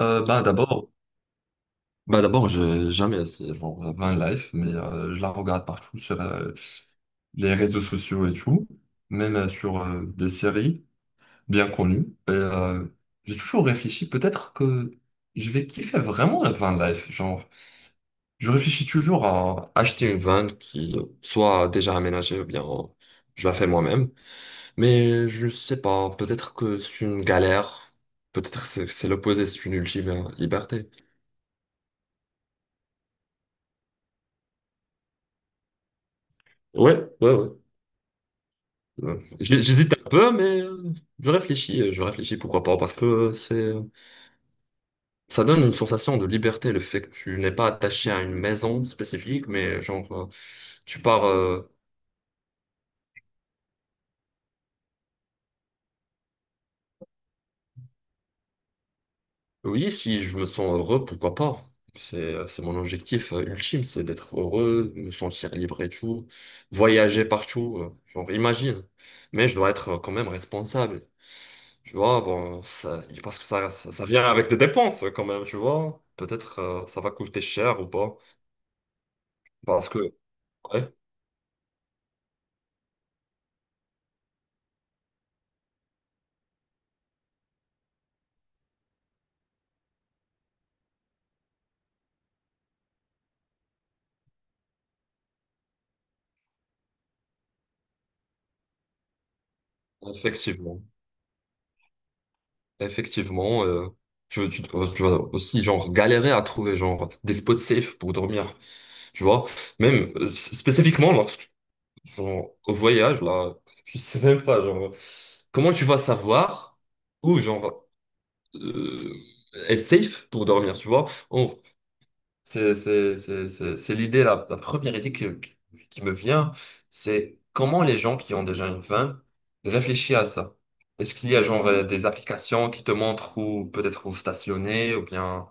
Ben d'abord, j'ai jamais essayé genre la van life, mais je la regarde partout sur les réseaux sociaux et tout, même sur des séries bien connues. Et j'ai toujours réfléchi, peut-être que je vais kiffer vraiment la van life. Genre, je réfléchis toujours à acheter une van qui soit déjà aménagée ou bien je la fais moi-même. Mais je sais pas, peut-être que c'est une galère, peut-être que c'est l'opposé, c'est une ultime liberté. Ouais, ouais, ouais. J'hésite un peu, mais je réfléchis pourquoi pas, parce que c'est, ça donne une sensation de liberté, le fait que tu n'es pas attaché à une maison spécifique, mais genre, tu pars, oui, si je me sens heureux, pourquoi pas? C'est mon objectif ultime, c'est d'être heureux, me sentir libre et tout, voyager partout, genre imagine. Mais je dois être quand même responsable. Tu vois, bon, parce que ça vient avec des dépenses quand même, tu vois. Peut-être ça va coûter cher ou pas. Parce que, ouais, effectivement, effectivement, euh, tu vas aussi genre galérer à trouver genre des spots safe pour dormir, tu vois. Même spécifiquement lorsque genre, au voyage, là, je sais même pas, genre, comment tu vas savoir où, genre, euh, est safe pour dormir, tu vois? C'est l'idée, la première qui me vient, c'est comment les gens qui ont déjà une femme réfléchissent à ça. Est-ce qu'il y a, genre, des applications qui te montrent où, peut-être où stationner, ou bien.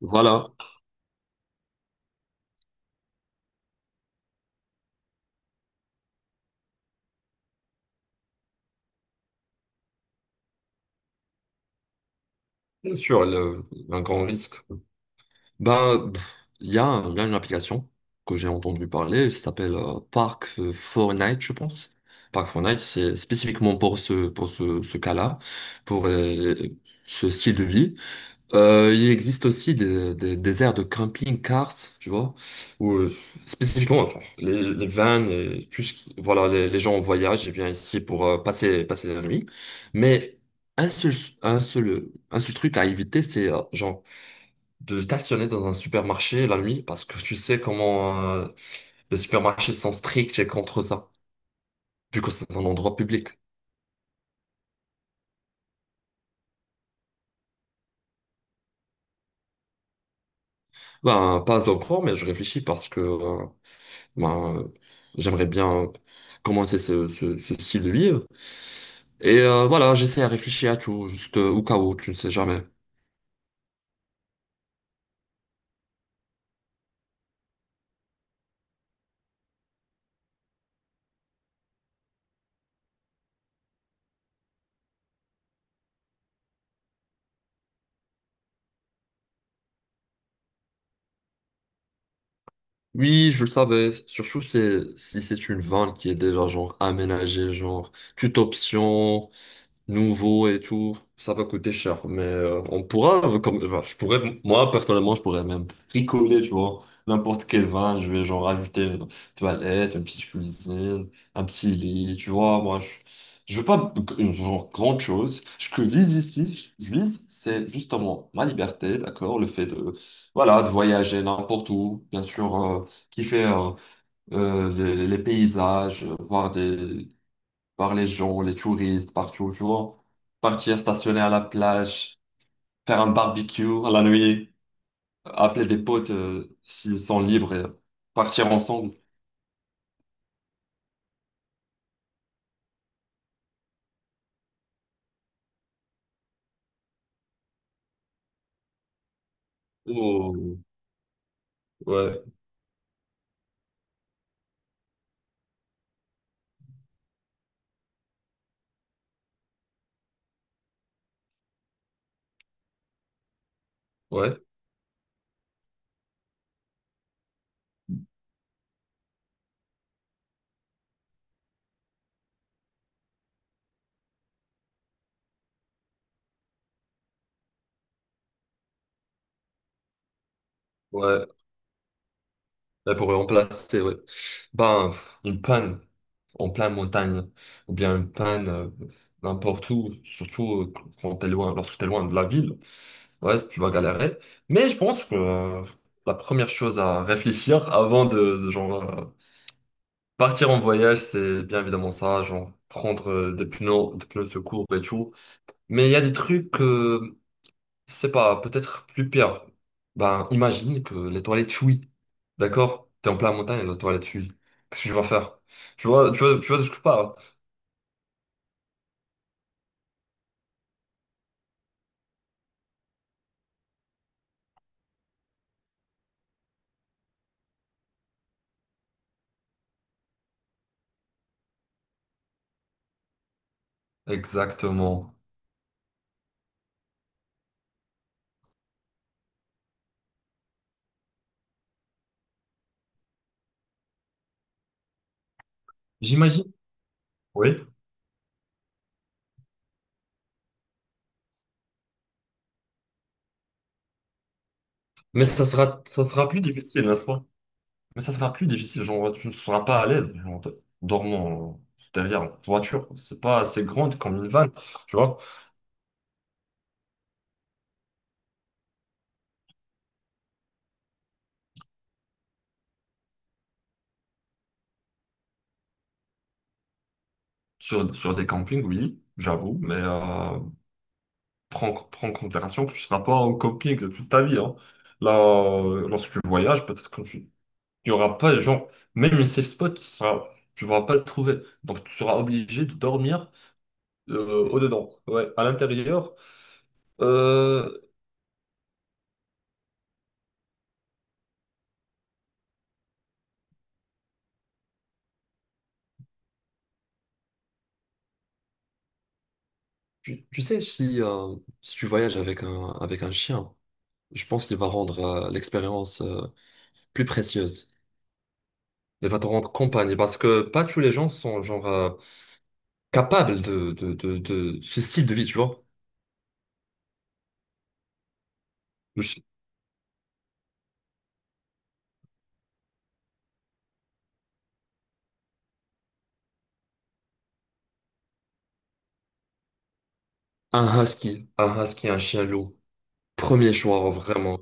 Voilà. Bien sûr, un grand risque. Ben, pff, il y a une application que j'ai entendu parler, qui s'appelle Park Fortnite, je pense. Park Fortnite, c'est spécifiquement pour ce cas-là, pour ce style de vie. Il existe aussi des aires de camping-cars, tu vois, où spécifiquement, enfin, les vans, et tout ce voilà, les gens en voyage, ils viennent ici pour passer, passer la nuit. Mais un seul, un seul truc à éviter, c'est genre de stationner dans un supermarché la nuit parce que tu sais comment les supermarchés sont stricts et contre ça, vu que c'est un endroit public. Ben, pas encore, mais je réfléchis parce que ben, euh, j'aimerais bien commencer ce style de livre. Et voilà, j'essaie à réfléchir à tout, juste au cas où, tu ne sais jamais. Oui, je le savais, surtout si c'est une vanne qui est déjà genre aménagée, genre toute option, nouveau et tout, ça va coûter cher. Mais on pourra, enfin, je pourrais, moi personnellement, je pourrais même bricoler, tu vois, n'importe quel vin, je vais genre rajouter une toilette, une petite cuisine, un petit lit, tu vois, moi, je veux pas une genre grande chose. Ce que vise ici, je vise, c'est justement ma liberté, d'accord, le fait de, voilà, de voyager n'importe où, bien sûr, kiffer les paysages, voir des par les gens, les touristes, partout, tu vois. Partir stationner à la plage, faire un barbecue à la nuit, appeler des potes s'ils sont libres, et partir ensemble. Ouh, ouais, ouais, ouais. Et pour remplacer, ouais. Ben, une panne en pleine montagne, ou bien une panne n'importe où, surtout lorsque t'es loin de la ville, ouais, tu vas galérer. Mais je pense que la première chose à réfléchir avant de partir en voyage, c'est bien évidemment ça, genre prendre des pneus secours et tout. Mais il y a des trucs que, je sais pas, peut-être plus pire. Ben, imagine que les toilettes fuient. D'accord? T'es en plein montagne et les toilettes fuient. Qu'est-ce que tu vas faire? Tu vois de ce que je parle? Exactement. J'imagine. Oui. Mais ça sera plus difficile, n'est-ce pas? Mais ça sera plus difficile. Genre, tu ne seras pas à l'aise, genre, en dormant derrière une voiture. C'est pas assez grande comme une vanne. Tu vois? Sur des campings, oui, j'avoue, mais prends en considération que tu ne seras pas en camping de toute ta vie. Hein. Là, lorsque tu voyages, peut-être que tu n'y aura pas, les gens même une safe spot, tu seras, tu vas pas le trouver. Donc, tu seras obligé de dormir au-dedans, ouais, à l'intérieur. Euh, tu sais, si tu voyages avec avec un chien, je pense qu'il va rendre l'expérience plus précieuse. Il va te rendre compagnie parce que pas tous les gens sont genre capable de ce style de vie, tu vois. Le chi- Un husky, un chien loup, premier choix, vraiment.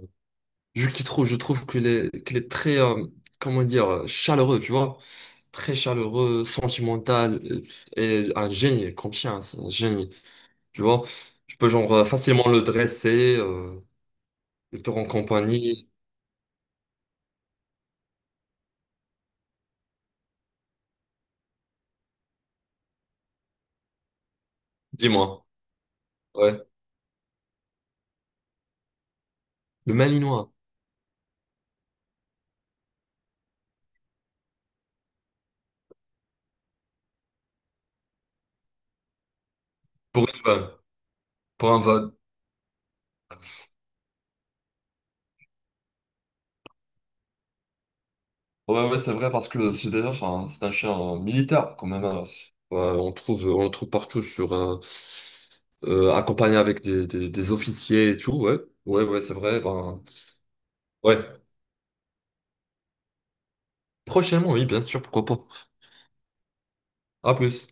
Je trouve qu'il est très, comment dire, chaleureux, tu vois. Très chaleureux, sentimental, et un génie, comme chien, c'est un génie, tu vois. Tu peux genre facilement le dresser, il te rend compagnie. Dis-moi, ouais. Le malinois, pour une vanne, pour un van. Ouais, ouais, c'est vrai, parce que c'est déjà enfin, c'est un chien militaire, quand même. Hein. Ouais, on trouve, on le trouve partout, accompagné avec des officiers et tout, ouais. Ouais, ouais, c'est vrai. Ben, ouais. Prochainement, oui, bien sûr, pourquoi pas. À plus.